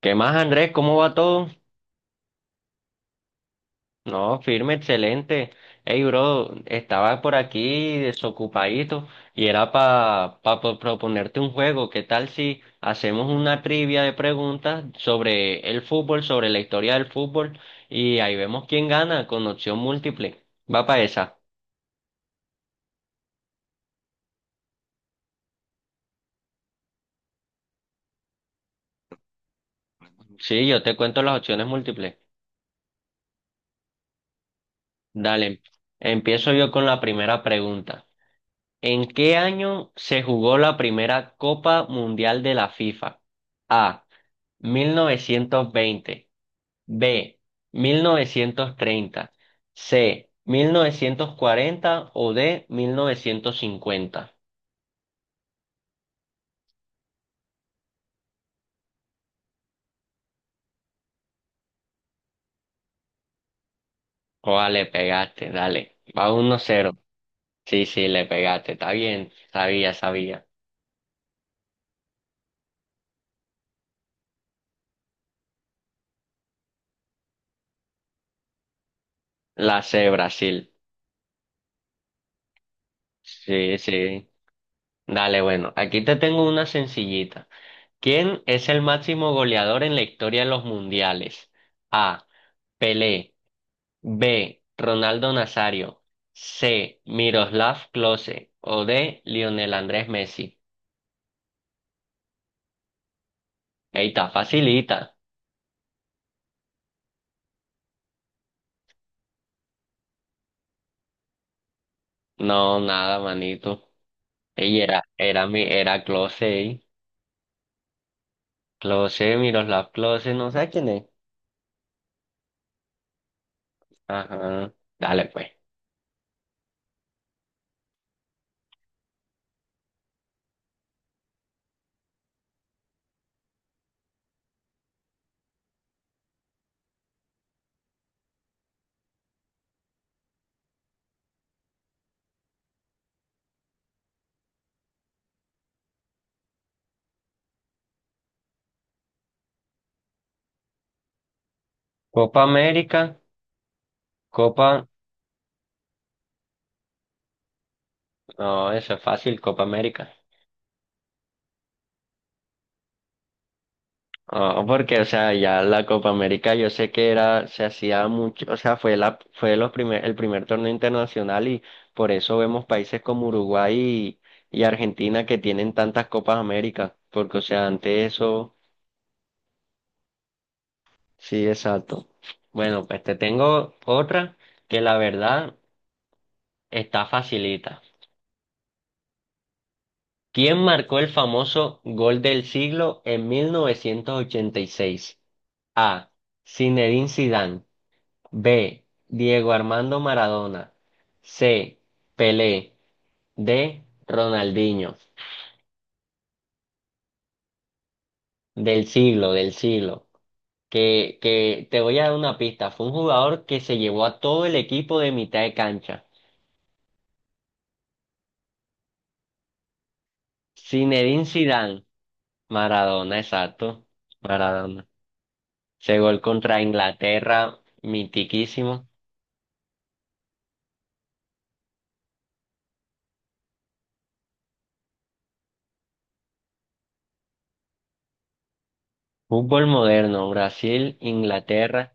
¿Qué más, Andrés? ¿Cómo va todo? No, firme, excelente. Hey, bro, estaba por aquí desocupadito y era para proponerte un juego. ¿Qué tal si hacemos una trivia de preguntas sobre el fútbol, sobre la historia del fútbol y ahí vemos quién gana con opción múltiple? ¿Va para esa? Sí, yo te cuento las opciones múltiples. Dale, empiezo yo con la primera pregunta. ¿En qué año se jugó la primera Copa Mundial de la FIFA? A. mil novecientos veinte, B. mil novecientos treinta, C. 1940 o D. 1950. Oa, le pegaste, dale. Va uno cero. Sí, sí, le pegaste. Está bien. Sabía, sabía. La C, Brasil. Sí, sí. Dale, bueno. Aquí te tengo una sencillita. ¿Quién es el máximo goleador en la historia de los mundiales? A. Pelé. B. Ronaldo Nazario. C. Miroslav Klose. O D. Lionel Andrés Messi. Ey, está facilita. No, nada, manito. Ey, era Klose, ey. Klose, Miroslav Klose, no sé quién es. Ajá. Dale, pues. Copa América. Copa. No, eso es fácil, Copa América. Ah, porque, o sea, ya la Copa América yo sé que era, se hacía mucho, o sea, fue el primer torneo internacional y por eso vemos países como Uruguay y, Argentina que tienen tantas Copas América, porque, o sea, ante eso, sí, exacto. Bueno, pues te tengo otra que la verdad está facilita. ¿Quién marcó el famoso gol del siglo en 1986? A. Zinedine Zidane. B. Diego Armando Maradona. C. Pelé. D. Ronaldinho. Del siglo, del siglo. Que te voy a dar una pista. Fue un jugador que se llevó a todo el equipo de mitad de cancha. Zinedine Zidane. Maradona, exacto. Maradona. Ese gol contra Inglaterra, mitiquísimo. Fútbol moderno, Brasil, Inglaterra,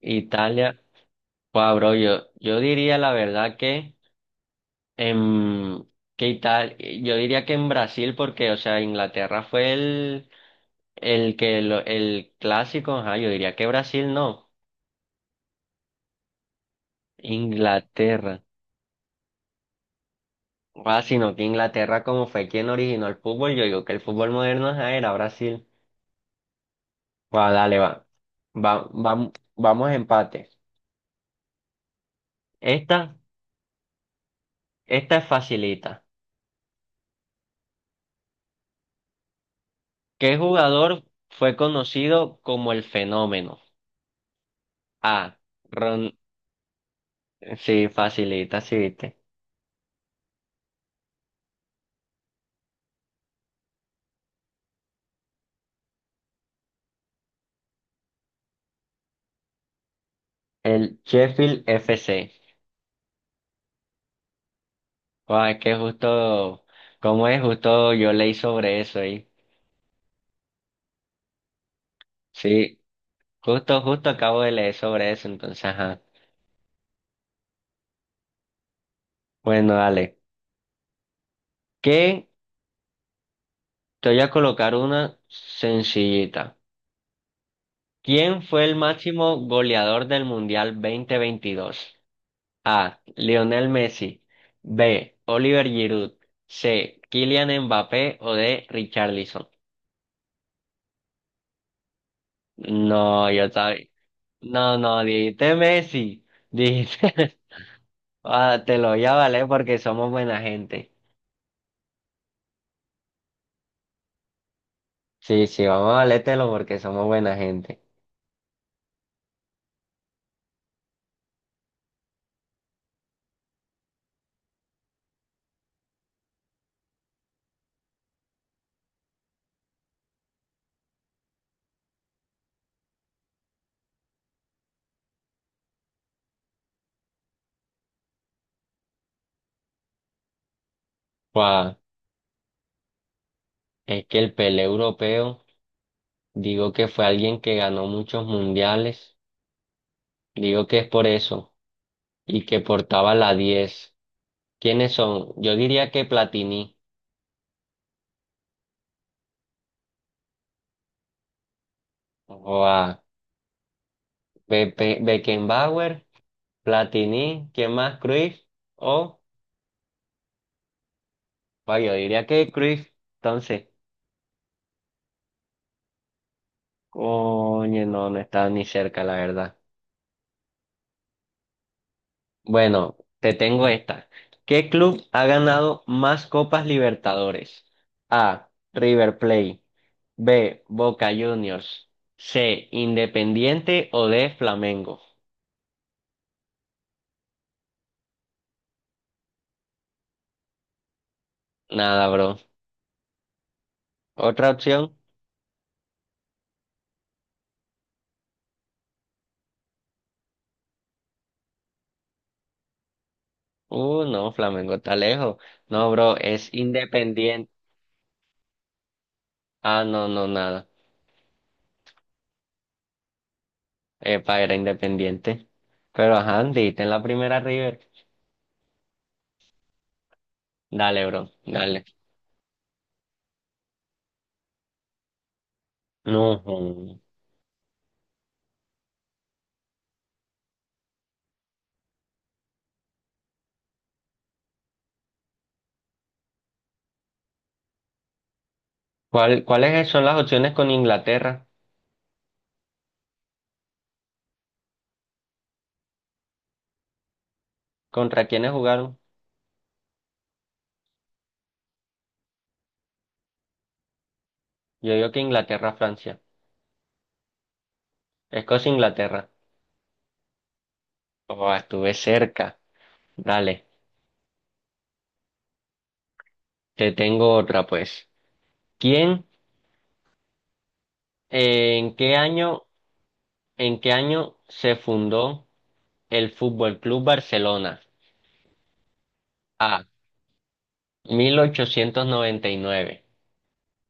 Italia. Wow, bro, yo diría la verdad que en, ¿qué tal? Yo diría que en Brasil, porque, o sea, Inglaterra fue el, el clásico, ajá, yo diría que Brasil no. Inglaterra. Ah, sino que Inglaterra, como fue quien originó el fútbol, yo digo que el fútbol moderno ajá, era Brasil. Va, dale, va. Va, vamos a empate. Esta, esta es facilita. ¿Qué jugador fue conocido como el fenómeno? A. Ron, sí, facilita, sí, viste. El Sheffield FC. Guau, es que justo, ¿cómo es? Justo yo leí sobre eso ahí. Sí, justo, justo acabo de leer sobre eso, entonces, ajá. Bueno, dale. ¿Qué? Te voy a colocar una sencillita. ¿Quién fue el máximo goleador del Mundial 2022? A. Lionel Messi. B. Oliver Giroud. C. Kylian Mbappé o D. Richarlison. No, yo estaba. No, no, dijiste Messi, dijiste, ah, te lo voy a valer porque somos buena gente. Sí, sí, vamos a valértelo porque somos buena gente. Guau, es que el Pelé europeo, digo que fue alguien que ganó muchos mundiales, digo que es por eso, y que portaba la 10. ¿Quiénes son? Yo diría que Platini, guau, Beckenbauer, Platini, ¿quién más? Cruyff, o, guau, yo diría que Cruyff, entonces. Coño, no, no estaba ni cerca, la verdad. Bueno, te tengo esta. ¿Qué club ha ganado más Copas Libertadores? A. River Plate. B. Boca Juniors. C. Independiente o D. Flamengo. Nada, bro. ¿Otra opción? No, Flamengo está lejos. No, bro, es Independiente. Ah, no, no, nada. Epa, era Independiente. Pero ajá, diste en la primera River. Dale, bro, dale. No. Jo. Cuáles son las opciones con Inglaterra? ¿Contra quiénes jugaron? Yo digo que Inglaterra, Francia. Escocia, Inglaterra. Oh, estuve cerca. Dale, te tengo otra pues. ¿Quién, eh, en qué año, en qué año se fundó el Fútbol Club Barcelona? A. 1899.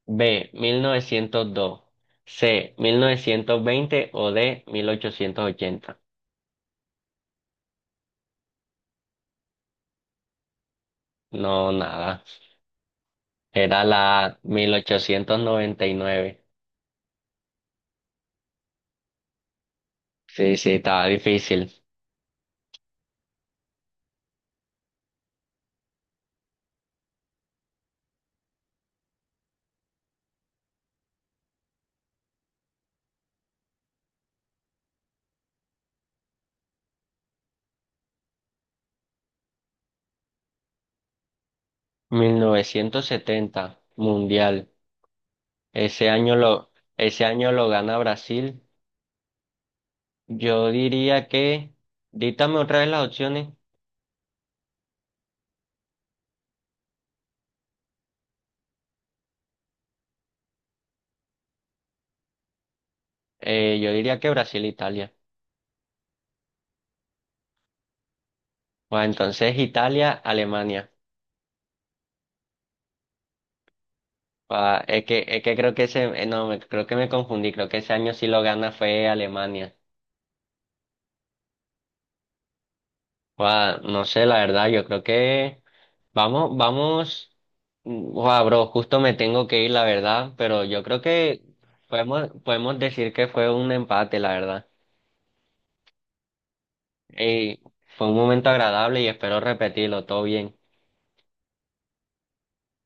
B. 1902. C. 1920 o D. 1880. No, nada. Era la mil ochocientos noventa y nueve. Sí, sí, estaba difícil. Mil novecientos setenta Mundial. Ese año lo, ese año lo gana Brasil. Yo diría que, dítame otra vez las opciones. Yo diría que Brasil, Italia. Bueno, entonces Italia, Alemania. Ah, es que creo que ese, no, creo que me confundí. Creo que ese año sí lo gana fue Alemania. Ah, no sé, la verdad, yo creo que vamos, vamos. Wow, bro, justo me tengo que ir, la verdad, pero yo creo que podemos decir que fue un empate, la verdad. Y fue un momento agradable y espero repetirlo, todo bien.